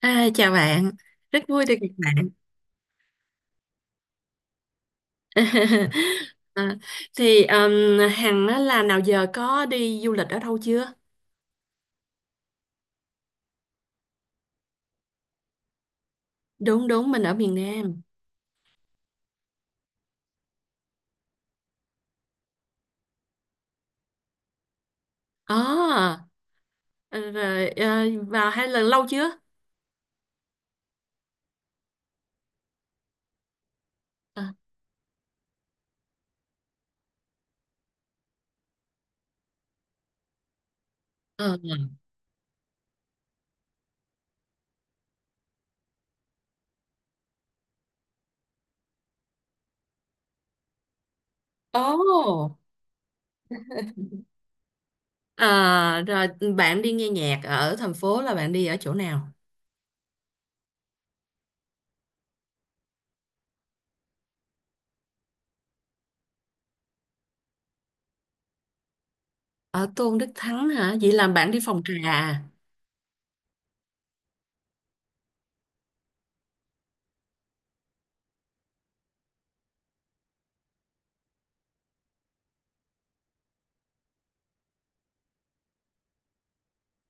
À, chào bạn, rất vui được gặp bạn. À, thì Hằng á, là nào giờ có đi du lịch ở đâu chưa? Đúng đúng mình ở miền Nam. Ồ, ờ, rồi vào hai lần lâu chưa? À, ờ. Ồ, à, rồi bạn đi nghe nhạc ở thành phố là bạn đi ở chỗ nào? Ở Tôn Đức Thắng hả? Vậy là bạn đi phòng trà à?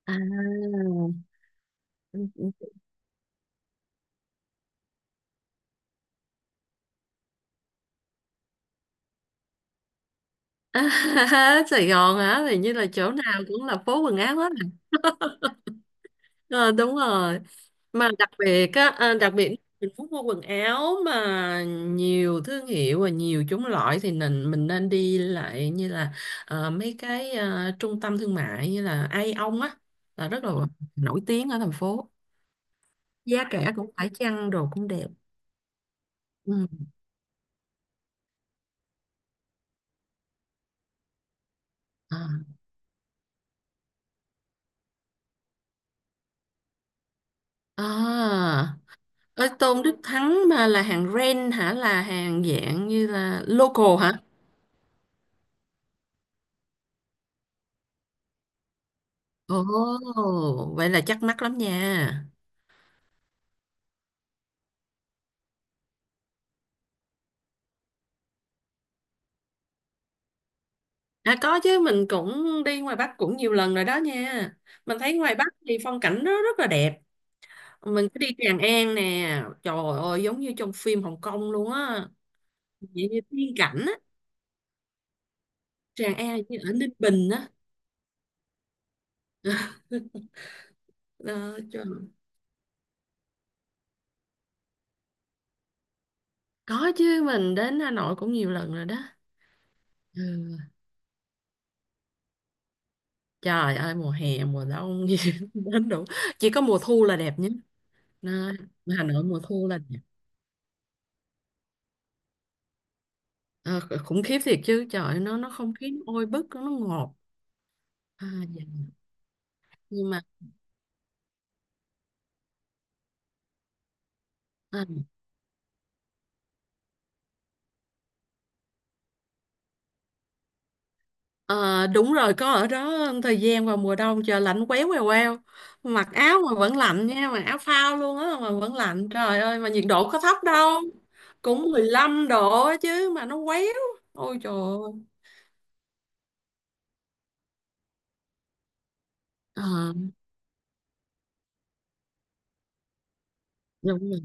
À. Sài Gòn hả? Thì như là chỗ nào cũng là phố quần áo hết. Ờ, đúng rồi, mà đặc biệt mình muốn mua quần áo mà nhiều thương hiệu và nhiều chủng loại thì mình nên đi lại, như là mấy cái trung tâm thương mại như là Aeon á, là rất là nổi tiếng ở thành phố, giá cả cũng phải chăng, đồ cũng đẹp. Ừ. À. À. Ơi, Tôn Đức Thắng mà là hàng ren hả, là hàng dạng như là local hả? Ồ, vậy là chắc mắc lắm nha. À, có chứ, mình cũng đi ngoài Bắc cũng nhiều lần rồi đó nha. Mình thấy ngoài Bắc thì phong cảnh nó rất là đẹp. Mình cứ đi Tràng An nè. Trời ơi, giống như trong phim Hồng Kông luôn á. Vậy như tiên cảnh á. Tràng An như ở Ninh Bình á. Ờ, trời. Có chứ, mình đến Hà Nội cũng nhiều lần rồi đó. Ừ. Trời ơi, mùa hè mùa đông gì đến đủ. Chỉ có mùa thu là đẹp nhé. Đó, Hà Nội mùa thu là đẹp. Ờ, khủng khiếp thiệt chứ, trời nó không khí nó ôi bức nó ngọt. À, dạ, nhưng mà À, ờ, đúng rồi, có ở đó thời gian vào mùa đông trời lạnh quéo quèo quèo, mặc áo mà vẫn lạnh nha, mà áo phao luôn á mà vẫn lạnh, trời ơi mà nhiệt độ có thấp đâu, cũng 15 độ á chứ mà nó quéo. Ôi trời ơi. Ờ, đúng rồi.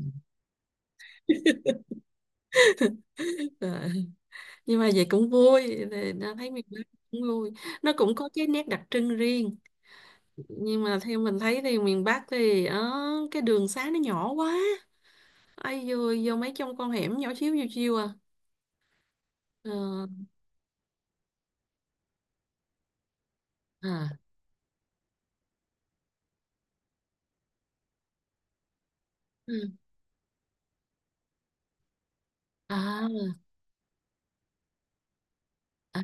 Ờ, nhưng mà vậy cũng vui, thì nó thấy miền Bắc cũng vui, nó cũng có cái nét đặc trưng riêng. Nhưng mà theo mình thấy thì miền Bắc thì cái đường xá nó nhỏ quá, ai vừa vô mấy trong con hẻm nhỏ xíu xíu chiêu à. Ờ, à, à, à,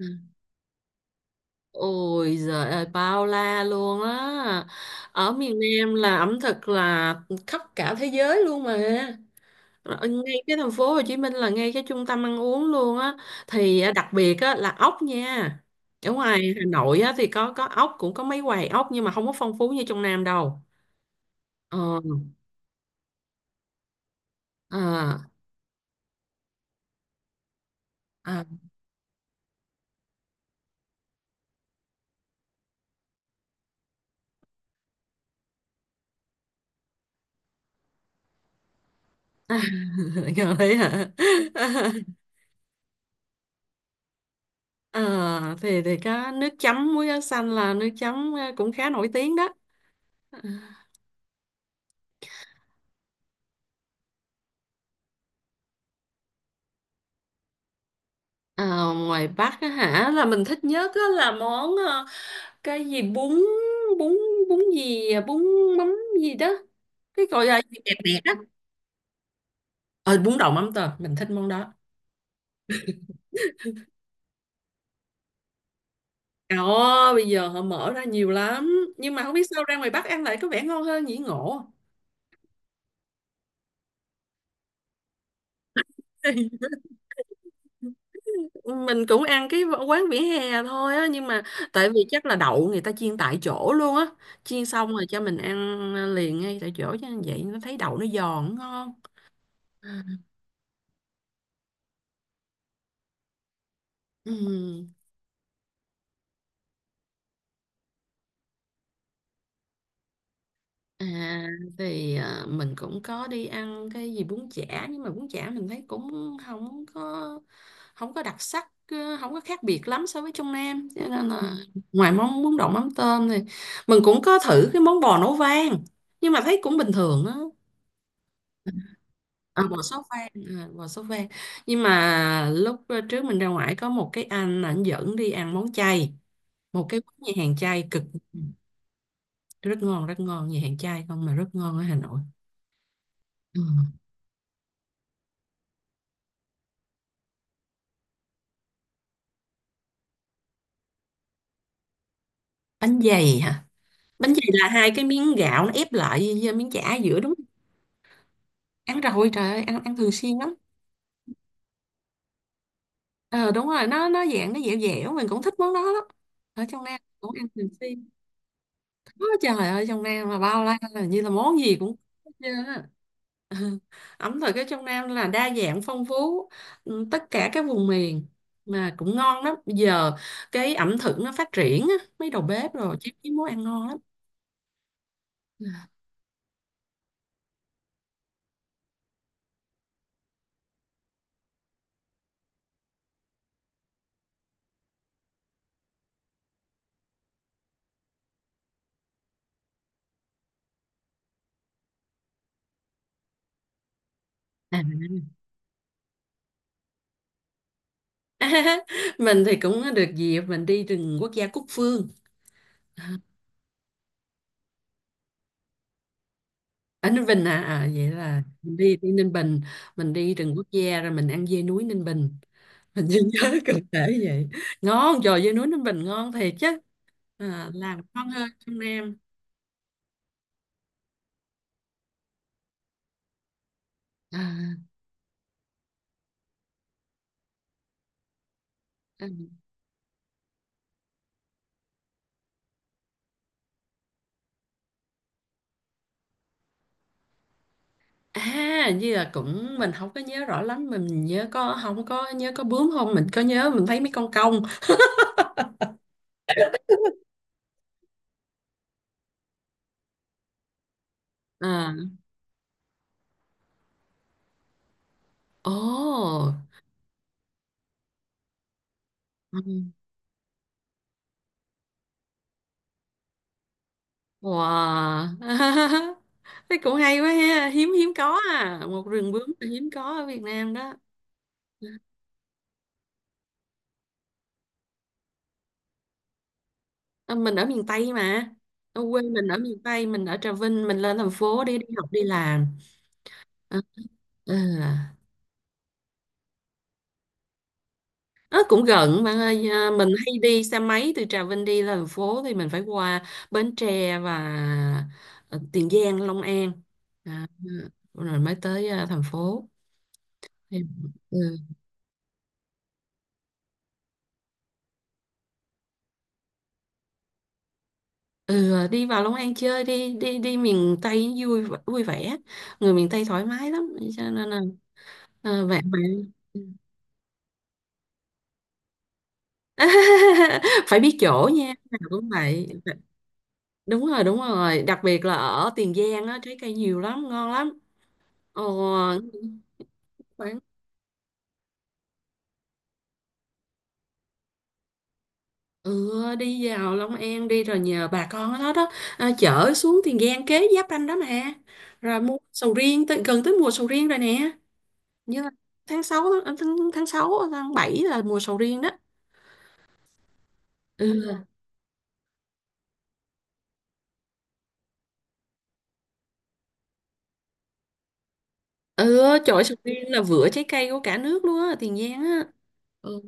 à. Ôi giời ơi, bao la luôn á, ở miền Nam là ẩm thực là khắp cả thế giới luôn mà. Ở ngay cái thành phố Hồ Chí Minh là ngay cái trung tâm ăn uống luôn á, thì à, đặc biệt á là ốc nha. Ở ngoài Hà Nội á thì có ốc, cũng có mấy quầy ốc, nhưng mà không có phong phú như trong Nam đâu. Ờ, à, à. À. Thấy hả. Ờ, thì có nước chấm muối áo xanh, là nước chấm cũng khá nổi tiếng đó. Ờ, ngoài Bắc á hả, là mình thích nhất á là món cái gì bún bún bún gì, à, bún mắm gì đó, cái gọi là gì đẹp đẹp đó, ờ bún đậu mắm tôm, mình thích món đó. Ồ, bây giờ họ mở ra nhiều lắm, nhưng mà không biết sao ra ngoài Bắc ăn lại có vẻ ngon hơn nhỉ, ngộ. Mình cũng ăn cái quán vỉa hè thôi á, nhưng mà tại vì chắc là đậu người ta chiên tại chỗ luôn á, chiên xong rồi cho mình ăn liền ngay tại chỗ cho vậy nó thấy đậu nó giòn ngon. Ừ. À, thì à, mình cũng có đi ăn cái gì bún chả, nhưng mà bún chả mình thấy cũng không có đặc sắc, không có khác biệt lắm so với trong Nam, cho nên là ngoài món bún đậu mắm tôm thì mình cũng có thử cái món bò nấu vang, nhưng mà thấy cũng bình thường á. À, bò sốt vang, nhưng mà lúc trước mình ra ngoài có một cái anh ảnh dẫn đi ăn món chay, một cái quán nhà hàng chay cực, ừ, rất ngon rất ngon, nhà hàng chay không mà rất ngon ở Hà Nội. Ừ. Bánh dày hả? Bánh dày là hai cái miếng gạo nó ép lại với miếng chả ở giữa đúng không? Ăn rồi, trời ơi, ăn ăn thường xuyên lắm. Ờ, đúng rồi, nó dạng nó dẻo dẻo, mình cũng thích món đó lắm. Ở trong Nam cũng ăn thường xuyên. Ôi, trời ơi, trong Nam mà bao la, là như là món gì cũng có hết trơn á. Ẩm thực ở trong Nam là đa dạng phong phú, ừ, tất cả các vùng miền, mà cũng ngon lắm. Bây giờ cái ẩm thực nó phát triển á, mấy đầu bếp rồi chứ, cái món ăn ngon lắm. À, mình thì cũng được dịp mình đi rừng quốc gia Cúc Phương. Ở Ninh Bình à, à vậy là mình đi đi Ninh Bình, mình đi rừng quốc gia, rồi mình ăn dê núi Ninh Bình, mình chỉ nhớ cụ thể vậy. Ngon, trời, dê núi Ninh Bình ngon thiệt chứ, à, làm ngon hơn trong Nam. À. À, hình như là cũng mình không có nhớ rõ lắm, mà mình nhớ có không có nhớ có bướm không, mình có nhớ mình thấy mấy con cong à. Ồ, ừ, wow. Thế cũng hay quá ha, hiếm hiếm có à, một rừng bướm là hiếm có ở Việt Nam đó. À, mình ở miền Tây mà, ở quê mình ở miền Tây, mình ở Trà Vinh, mình lên thành phố để đi học đi làm. À, à. Ờ, cũng gần bạn ơi à, mình hay đi xe máy từ Trà Vinh đi lên thành phố thì mình phải qua Bến Tre và Tiền Giang, Long An, à, rồi mới tới à, thành phố. Thì- ừ. Ừ, đi vào Long An chơi đi, đi đi miền Tây vui, vui vẻ, người miền Tây thoải mái lắm, cho nên là bạn bạn ừ. Phải biết chỗ nha, nào cũng vậy, đúng rồi, đúng rồi, đặc biệt là ở Tiền Giang á trái cây nhiều lắm, ngon lắm. Ồ, ừ, đi vào Long An đi, rồi nhờ bà con ở đó đó, à, chở xuống Tiền Giang kế giáp ranh đó mà, rồi mua sầu riêng tới, gần tới mùa sầu riêng rồi nè, như là tháng 6 tháng, tháng 6 tháng 7 là mùa sầu riêng đó. Ừ. Ừ, trời ơi, sầu riêng là vựa trái cây của cả nước luôn á, Tiền Giang á. Ừ.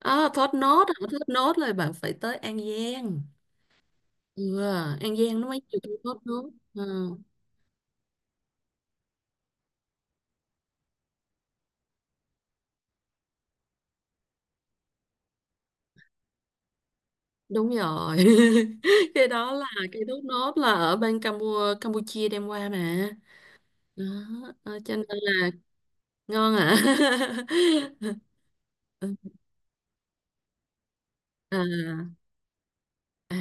À, thốt nốt là bạn phải tới An Giang, ừ, An Giang nó mới chịu thốt nốt. Ừ. Đúng rồi. Cái đó là cái thốt nốt là ở bên Campuchia đem qua mà, đó, cho nên là ngon à. À, à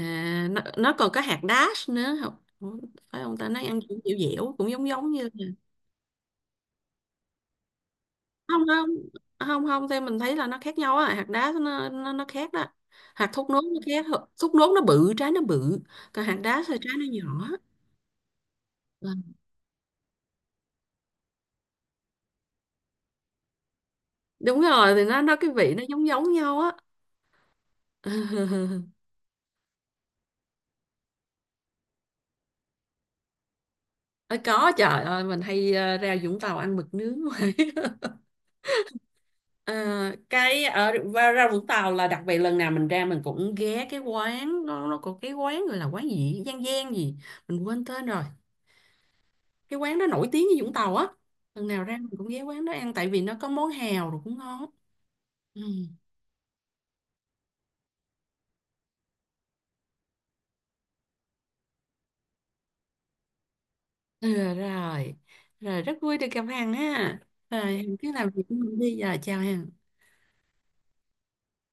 nó còn có hạt đác nữa không? Ủa, phải không ta, nó ăn cũng dẻo dẻo cũng giống giống như. Không, không, không, không, theo mình thấy là nó khác nhau á, hạt đác nó khác đó, hạt thốt nốt nó khác, thốt nốt nó bự trái nó bự, còn hạt đác thì trái nó nhỏ. Ờ, đúng rồi, thì nó cái vị nó giống giống nhau á. Ờ, có, trời ơi mình hay ra Vũng Tàu ăn mực nướng hoài. Ờ, cái ở và ra Vũng Tàu là đặc biệt, lần nào mình ra mình cũng ghé cái quán, nó có cái quán gọi là quán gì Giang Giang gì, mình quên tên rồi, cái quán đó nổi tiếng như Vũng Tàu á, lần nào ra mình cũng ghé quán đó ăn tại vì nó có món hào rồi cũng ngon. Ừ. Ừ, ờ, rồi, rồi rất vui được gặp Hằng ha, rồi Hằng cứ làm việc của mình đi, giờ chào Hằng.